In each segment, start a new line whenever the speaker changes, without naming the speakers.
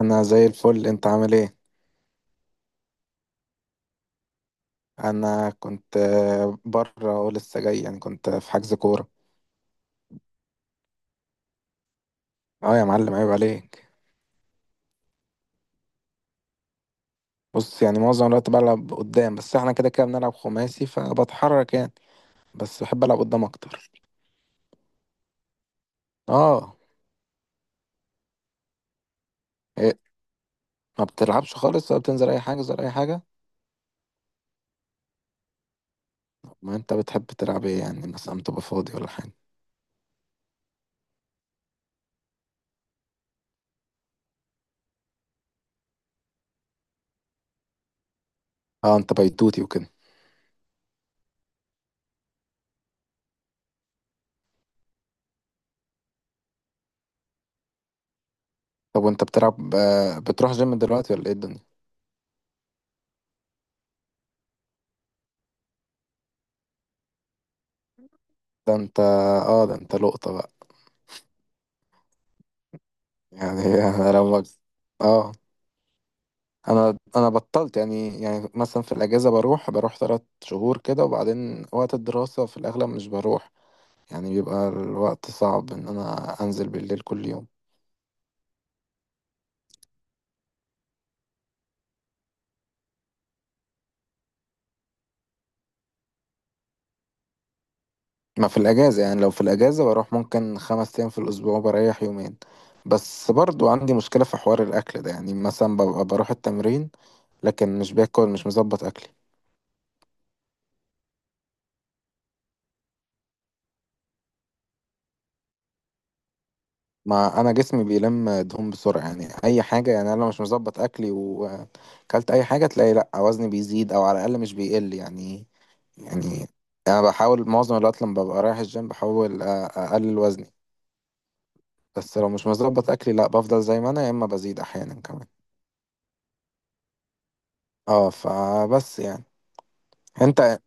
انا زي الفل، انت عامل ايه؟ انا كنت بره ولسه جاي، يعني كنت في حجز كوره. اه يا معلم، عيب عليك. بص، يعني معظم الوقت بلعب قدام، بس احنا كده كده بنلعب خماسي فبتحرك يعني. بس بحب العب قدام اكتر. اه. إيه؟ ما بتلعبش خالص؟ ولا بتنزل اي حاجه ولا اي حاجه؟ ما انت بتحب تلعب ايه يعني؟ مثلا تبقى فاضي ولا حاجه؟ اه انت بيتوتي وكده. طب وانت بتلعب بتروح جيم دلوقتي ولا ايه الدنيا؟ ده انت اه ده انت لقطه بقى. يعني انا لو. اه، انا بطلت، يعني يعني مثلا في الاجازه بروح ثلاث شهور كده، وبعدين وقت الدراسه في الاغلب مش بروح. يعني بيبقى الوقت صعب ان انا انزل بالليل كل يوم. ما في الاجازه، يعني لو في الاجازه بروح ممكن خمس ايام في الاسبوع، بريح يومين. بس برضو عندي مشكله في حوار الاكل ده، يعني مثلا ببقى بروح التمرين لكن مش باكل، مش مظبط اكلي. ما انا جسمي بيلم دهون بسرعه، يعني اي حاجه، يعني انا لو مش مظبط اكلي واكلت اي حاجه تلاقي لا وزني بيزيد او على الاقل مش بيقل يعني. يعني انا بحاول معظم الوقت لما ببقى رايح الجيم بحاول اقلل وزني. بس لو مش مظبط اكلي لا بفضل زي ما انا، يا اما بزيد احيانا كمان. اه فبس يعني. انت.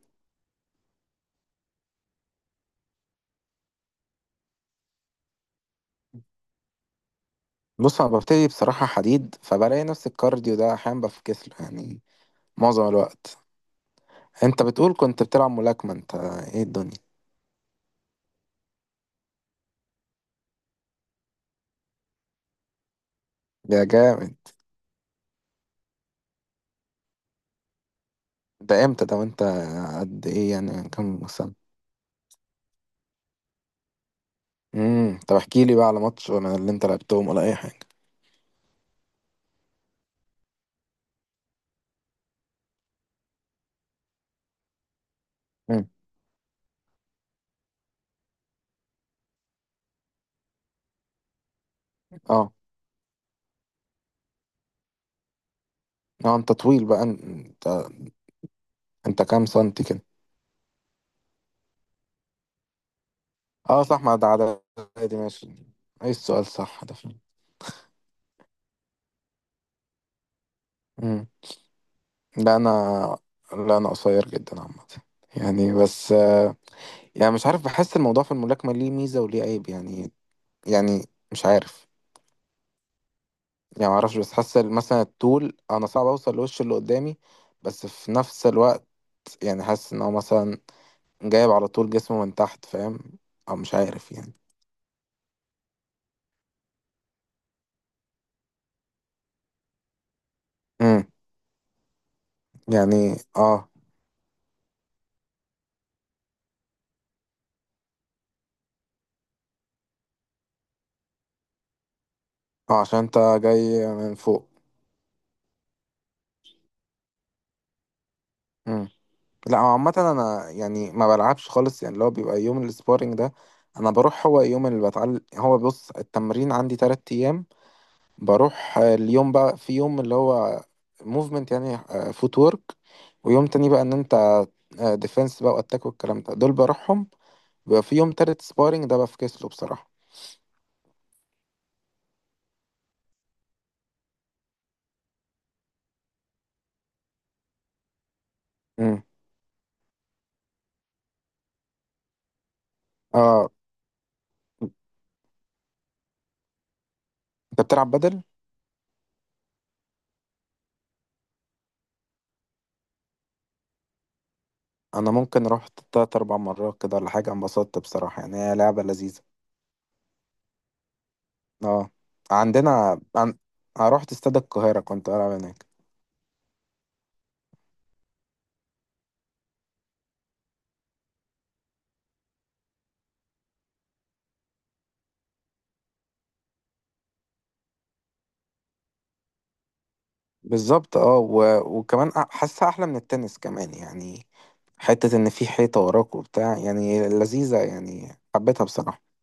بص انا ببتدي بصراحه حديد، فبلاقي نفس الكارديو ده احيانا بفكس له يعني معظم الوقت. انت بتقول كنت بتلعب ملاكمه انت، ايه الدنيا؟ يا جامد. ده امتى ده وانت قد ايه يعني؟ كم سنة؟ امم. طب احكي لي بقى على ماتش ولا اللي انت لعبتهم ولا اي حاجة. امم. اه. اه انت طويل بقى انت، انت كام سنتي كده؟ اه صح، ما ده عددي ماشي. ايه السؤال صح ده فين؟ امم. لا انا لا انا قصير جدا عامة، يعني بس يعني مش عارف، بحس الموضوع في الملاكمة ليه ميزة وليه عيب يعني. يعني مش عارف. يعني ما اعرفش بس حاسه مثلا الطول، انا صعب اوصل لوش اللي قدامي. بس في نفس الوقت يعني حاسس ان هو مثلا جايب على طول جسمه من تحت، فاهم؟ او مش عارف يعني. امم. يعني اه. اه عشان انت جاي من فوق. امم. لا هو عامه انا يعني ما بلعبش خالص، يعني اللي هو بيبقى يوم السبارينج ده انا بروح. هو يوم اللي بتعلم، هو بص التمرين عندي تلات ايام. بروح اليوم بقى في يوم اللي هو موفمنت يعني، فوت وورك. ويوم تاني بقى ان انت ديفنس بقى واتاك والكلام ده، دول بروحهم. بيبقى في يوم تالت سبارينج ده بفكس له بصراحه. امم. اه انت بتلعب بدل. انا ممكن رحت تلات اربع مرات كده ولا حاجه، انبسطت بصراحه، يعني هي لعبه لذيذه. اه. عندنا عن... أنا رحت استاد القاهره كنت بلعب هناك. بالظبط اه. وكمان حاسها احلى من التنس كمان يعني. حته ان في حيطه وراك وبتاع، يعني لذيذه يعني، حبيتها بصراحه.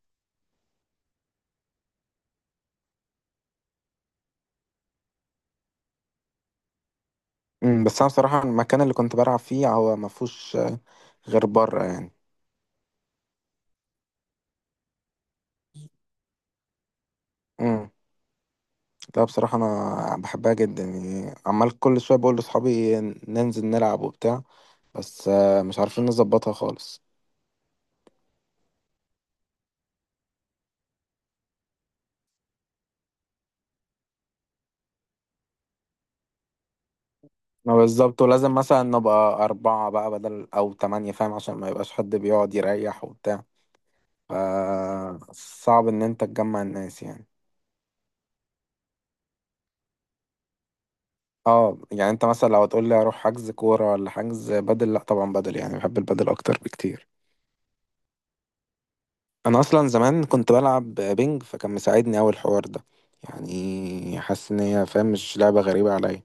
امم. بس انا بصراحه المكان اللي كنت بلعب فيه هو ما فيهوش غير بره يعني. امم. لا بصراحة أنا بحبها جدا، يعني عمال كل شوية بقول لأصحابي ننزل نلعب وبتاع. بس مش عارفين نظبطها خالص. ما بالظبط، ولازم مثلا نبقى أربعة بقى بدل أو تمانية، فاهم؟ عشان ما يبقاش حد بيقعد يريح وبتاع. ف صعب إن أنت تجمع الناس يعني. اه يعني أنت مثلا لو هتقول لي أروح حجز كورة ولا حجز بدل، لأ طبعا بدل، يعني بحب البدل أكتر بكتير. أنا أصلا زمان كنت بلعب بينج، فكان مساعدني أوي الحوار ده. يعني حاسس إن هي، فاهم، مش لعبة غريبة عليا.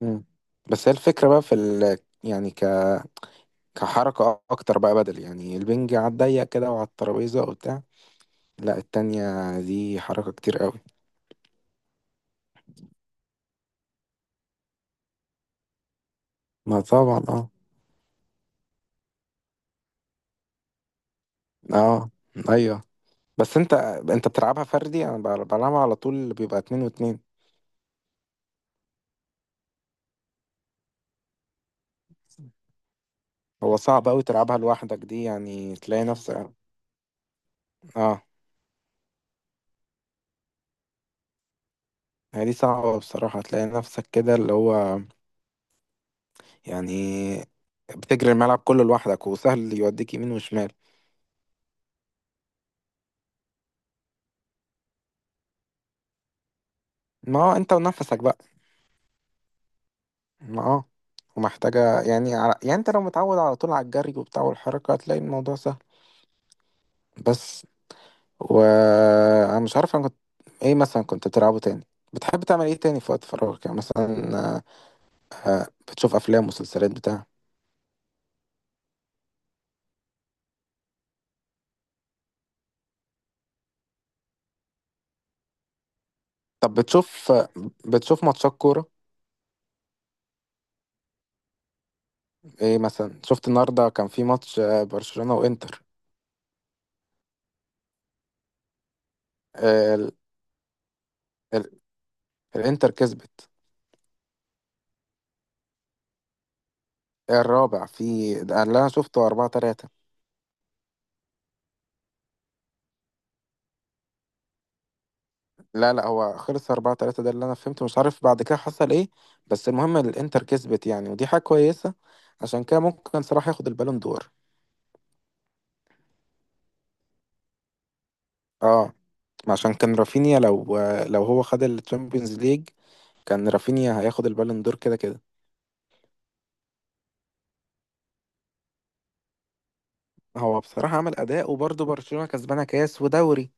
مم. بس هي الفكرة بقى في ال... يعني ك... كحركة أكتر بقى بدل، يعني البنج على الضيق كده وعلى الترابيزة وبتاع. لا التانية دي حركة كتير قوي. ما طبعا اه. اه أيوه. بس أنت، أنت بتلعبها فردي؟ أنا بلعبها على طول بيبقى اتنين واتنين. هو صعب أوي تلعبها لوحدك دي، يعني تلاقي نفسك. اه هي دي صعبة بصراحة تلاقي نفسك كده اللي هو يعني بتجري الملعب كله لوحدك، وسهل يوديك يمين وشمال. ما هو انت ونفسك بقى. ما اه. ومحتاجة يعني على... يعني انت لو متعود على طول على الجري وبتاع والحركة هتلاقي الموضوع سهل. بس. و. انا مش عارف انا كنت ايه مثلا كنت بتلعبه تاني. بتحب تعمل ايه تاني في وقت فراغك يعني مثلا؟ بتشوف افلام، مسلسلات، بتاع؟ طب بتشوف بتشوف ماتشات كورة؟ ايه مثلا شفت النهاردة؟ كان في ماتش برشلونة وانتر. ال... ال... الانتر كسبت. الرابع في ده اللي انا شفته 4 3. لا لا هو خلص 4 3 ده اللي انا فهمته، مش عارف بعد كده حصل ايه. بس المهم الانتر كسبت يعني، ودي حاجة كويسة. عشان كده ممكن صلاح ياخد البالون دور. اه، عشان كان رافينيا لو، لو هو خد الشامبيونز ليج كان رافينيا هياخد البالون دور كده كده. هو بصراحة عمل أداء، وبرضه برشلونة كسبانة كاس ودوري.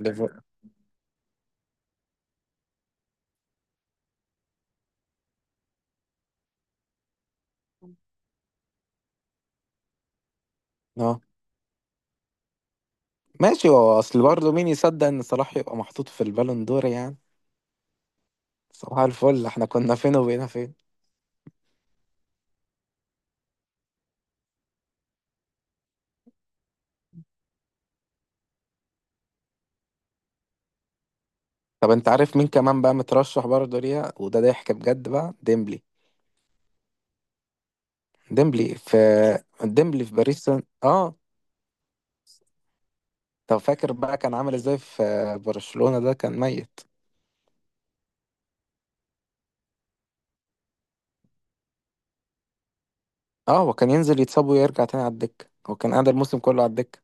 ليفر- اه ماشي. هو أصل برضه مين يصدق إن صلاح يبقى محطوط في البالون دور يعني؟ صباح الفل، احنا كنا فين وبقينا فين. طب انت عارف مين كمان بقى مترشح برضه ليها وده ضحك بجد بقى؟ ديمبلي. ديمبلي في ديمبلي في باريس سان اه. طب فاكر بقى كان عامل ازاي في برشلونة ده؟ كان ميت. اه هو كان ينزل يتصاب ويرجع تاني على الدكة، هو كان قاعد الموسم كله على الدكة.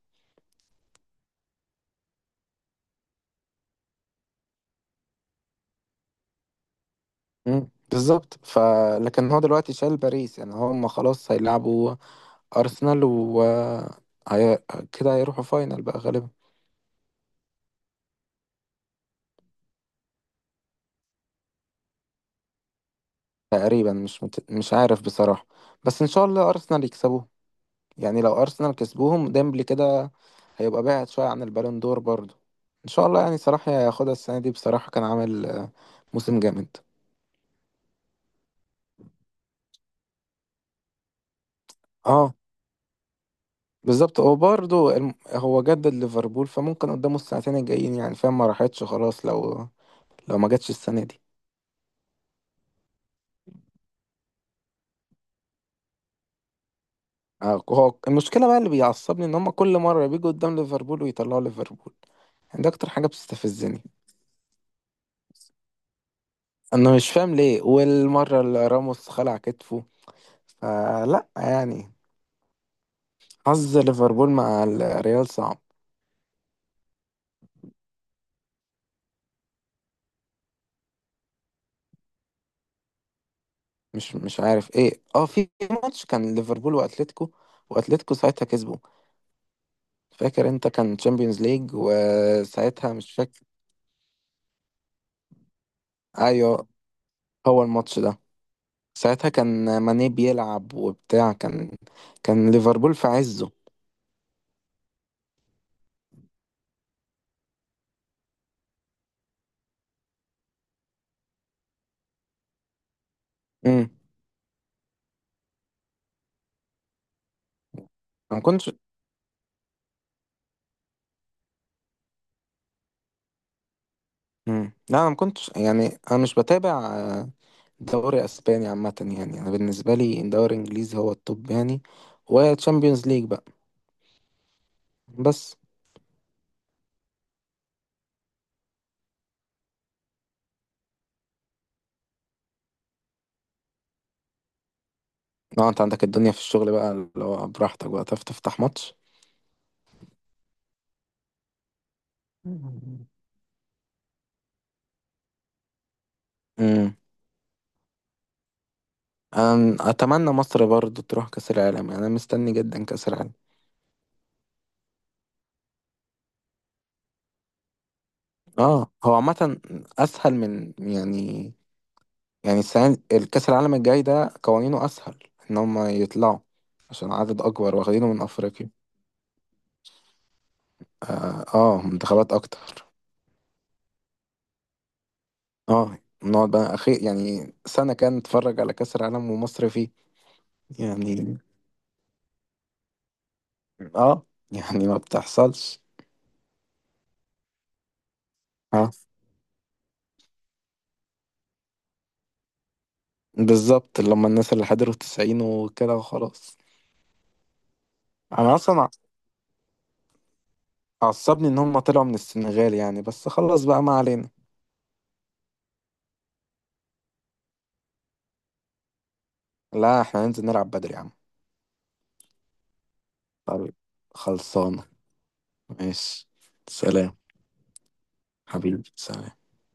بالظبط. ف لكن هو دلوقتي شال باريس، يعني هم خلاص هيلعبوا ارسنال و هي... كده هيروحوا فاينل بقى غالبا. تقريبا مش مت... مش عارف بصراحة. بس ان شاء الله ارسنال يكسبوه. يعني لو ارسنال كسبوهم ديمبلي كده هيبقى بعد شويه عن البالون دور برضو. ان شاء الله، يعني صلاح هياخدها السنه دي بصراحه، كان عامل موسم جامد. اه بالظبط. هو برضو هو جدد ليفربول، فممكن قدامه السنتين الجايين يعني، فاهم؟ ما راحتش خلاص لو، لو ما جاتش السنه دي. هو المشكله بقى اللي بيعصبني ان هم كل مره بيجوا قدام ليفربول ويطلعوا ليفربول، يعني ده اكتر حاجه بتستفزني. انا مش فاهم ليه، والمره اللي راموس خلع كتفه فلا يعني. حظ ليفربول مع الريال صعب. مش مش عارف ايه. اه في ماتش كان ليفربول واتلتيكو، واتلتيكو ساعتها كسبوا. فاكر انت؟ كان تشامبيونز ليج وساعتها مش فاكر. ايوه. هو الماتش ده ساعتها كان ماني بيلعب وبتاع، كان كان ليفربول في عزه. امم انا ما كنتش. امم. لا انا ما كنتش يعني انا مش بتابع دوري اسباني عامه. يعني انا بالنسبه لي دوري انجليزي هو التوب يعني، وتشامبيونز ليج بقى. بس. اه انت عندك الدنيا في الشغل بقى اللي هو براحتك بقى تعرف تفتح ماتش. مم. امم. انا اتمنى مصر برضو تروح كاس العالم، يعني انا مستني جدا كاس العالم. اه. هو عامه اسهل من يعني، يعني السنه الكاس العالم الجاي ده قوانينه اسهل ان هم يطلعوا، عشان عدد اكبر واخدينه من افريقيا. اه، منتخبات اكتر. اه نقعد بقى اخي يعني سنه كان نتفرج على كاس العالم ومصر فيه. يعني اه يعني ما بتحصلش. آه. بالظبط، اللي هم الناس اللي حضروا التسعين وكده وخلاص. انا اصلا عصبني ان هم طلعوا من السنغال يعني، بس خلص بقى ما علينا. لا احنا هننزل نلعب بدري يا عم. طيب. خلصانة. ماشي. سلام. حبيبي سلام.